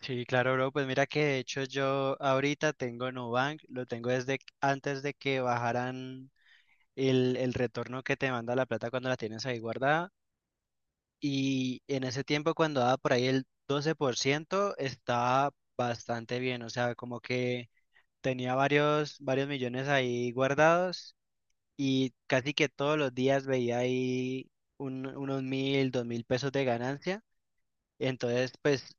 Sí, claro, bro. Pues mira que de hecho yo ahorita tengo Nubank, lo tengo desde antes de que bajaran el retorno que te manda la plata cuando la tienes ahí guardada. Y en ese tiempo cuando daba por ahí el 12% estaba bastante bien. O sea, como que tenía varios millones ahí guardados y casi que todos los días veía ahí unos 1,000, 2,000 pesos de ganancia. Entonces, pues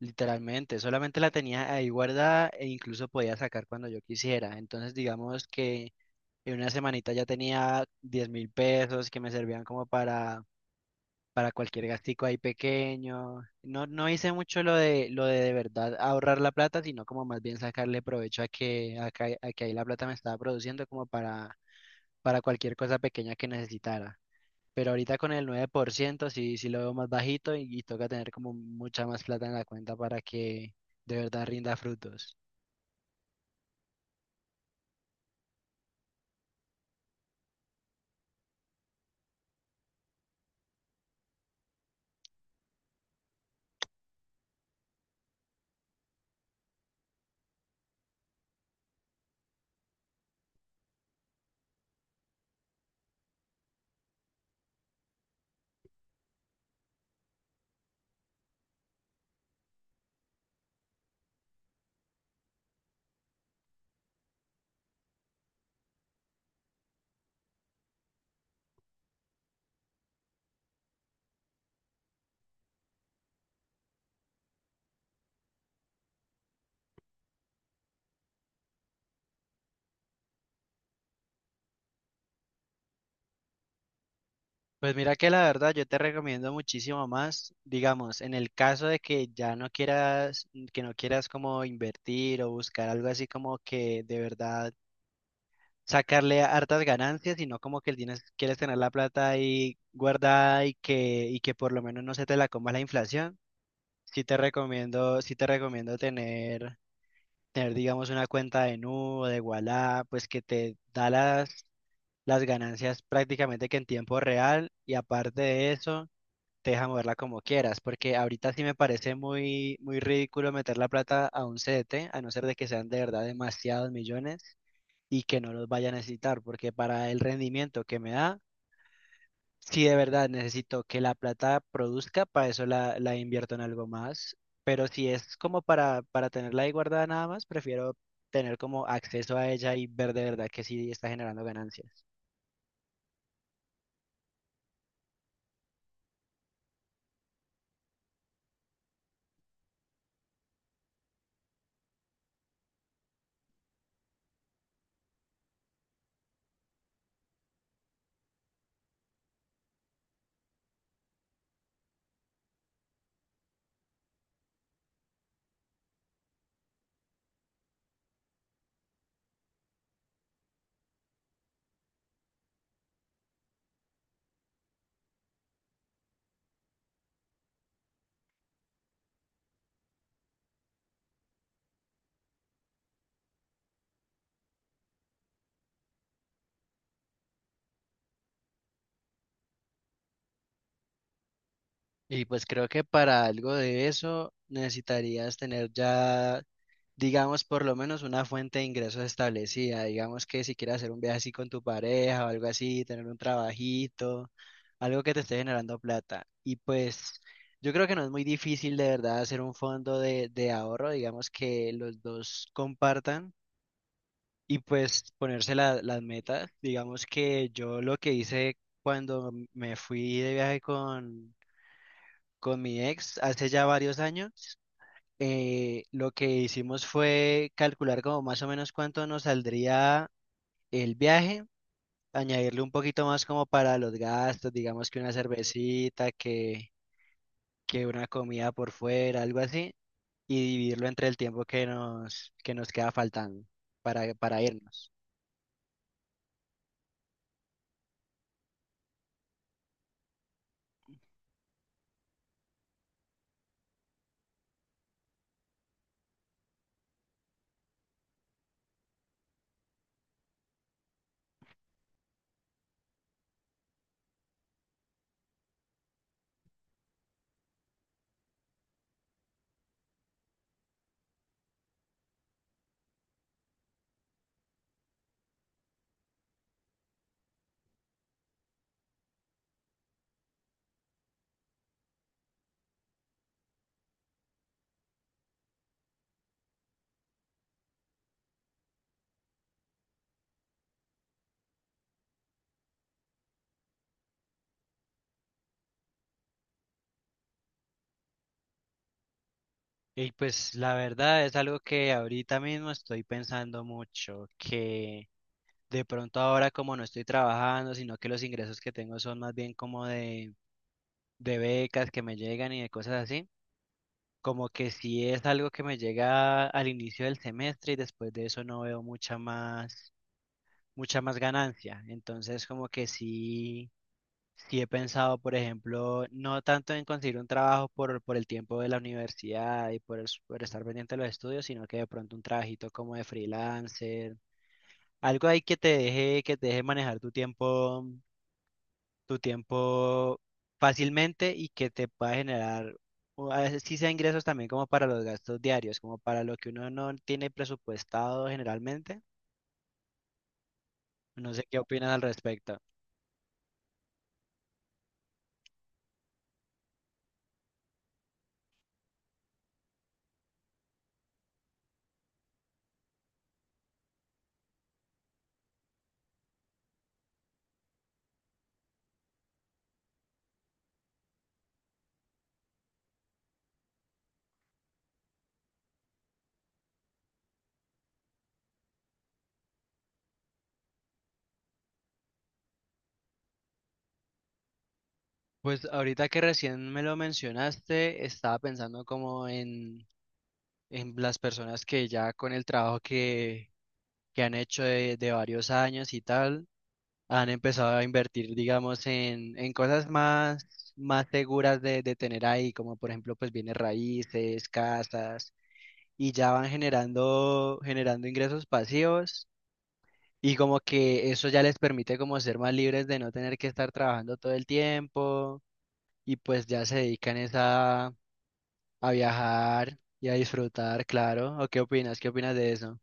literalmente, solamente la tenía ahí guardada e incluso podía sacar cuando yo quisiera. Entonces, digamos que en una semanita ya tenía 10,000 pesos que me servían como para cualquier gastico ahí pequeño. No, no hice mucho lo de de verdad ahorrar la plata, sino como más bien sacarle provecho a que, a que ahí la plata me estaba produciendo como para cualquier cosa pequeña que necesitara. Pero ahorita con el 9% sí, sí lo veo más bajito y toca tener como mucha más plata en la cuenta para que de verdad rinda frutos. Pues mira que la verdad yo te recomiendo muchísimo más, digamos, en el caso de que ya no quieras, que no quieras como invertir o buscar algo así como que de verdad sacarle hartas ganancias, sino como que tienes, quieres tener la plata ahí guardada y que por lo menos no se te la coma la inflación. Sí te recomiendo tener, digamos, una cuenta de Nu, de Ualá, pues que te da las ganancias prácticamente que en tiempo real y aparte de eso, te deja moverla como quieras, porque ahorita sí me parece muy, muy ridículo meter la plata a un CDT, a no ser de que sean de verdad demasiados millones y que no los vaya a necesitar, porque para el rendimiento que me da, sí, de verdad, necesito que la plata produzca, para eso la invierto en algo más. Pero si es como para tenerla ahí guardada nada más, prefiero tener como acceso a ella y ver de verdad que sí está generando ganancias. Y pues creo que para algo de eso necesitarías tener ya, digamos, por lo menos una fuente de ingresos establecida. Digamos que si quieres hacer un viaje así con tu pareja o algo así, tener un trabajito, algo que te esté generando plata. Y pues yo creo que no es muy difícil de verdad hacer un fondo de ahorro, digamos que los dos compartan y pues ponerse las metas. Digamos que yo lo que hice cuando me fui de viaje con mi ex hace ya varios años, lo que hicimos fue calcular como más o menos cuánto nos saldría el viaje, añadirle un poquito más como para los gastos, digamos que una cervecita, que una comida por fuera, algo así, y dividirlo entre el tiempo que nos queda faltando para irnos. Y pues la verdad es algo que ahorita mismo estoy pensando mucho, que de pronto ahora como no estoy trabajando, sino que los ingresos que tengo son más bien como de becas que me llegan y de cosas así. Como que si es algo que me llega al inicio del semestre y después de eso no veo mucha más ganancia. Entonces como que sí, sí he pensado, por ejemplo, no tanto en conseguir un trabajo por el tiempo de la universidad y por, por estar pendiente de los estudios, sino que de pronto un trabajito como de freelancer, algo ahí que te deje manejar tu tiempo fácilmente y que te pueda generar, o a veces sí sea ingresos también como para los gastos diarios, como para lo que uno no tiene presupuestado generalmente. No sé qué opinas al respecto. Pues ahorita que recién me lo mencionaste, estaba pensando como en las personas que ya con el trabajo que han hecho de varios años y tal, han empezado a invertir, digamos, en cosas más, más seguras de tener ahí, como por ejemplo, pues bienes raíces, casas, y ya van generando, generando ingresos pasivos, y como que eso ya les permite como ser más libres de no tener que estar trabajando todo el tiempo, y pues ya se dedican es a viajar y a disfrutar, claro. ¿O qué opinas? ¿Qué opinas de eso?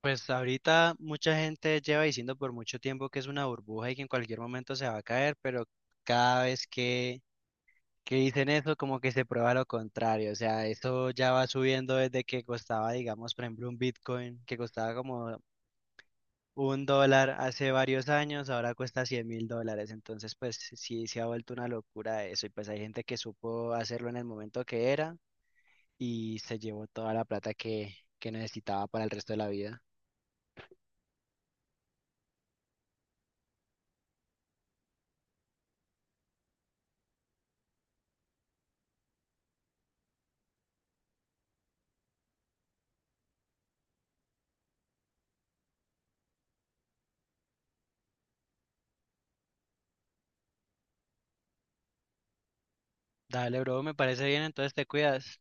Pues ahorita mucha gente lleva diciendo por mucho tiempo que es una burbuja y que en cualquier momento se va a caer, pero cada vez que dicen eso, como que se prueba lo contrario. O sea, eso ya va subiendo desde que costaba, digamos, por ejemplo, un Bitcoin, que costaba como $1 hace varios años, ahora cuesta $100,000. Entonces, pues sí, se ha vuelto una locura eso. Y pues hay gente que supo hacerlo en el momento que era y se llevó toda la plata que necesitaba para el resto de la vida. Dale, bro, me parece bien, entonces te cuidas.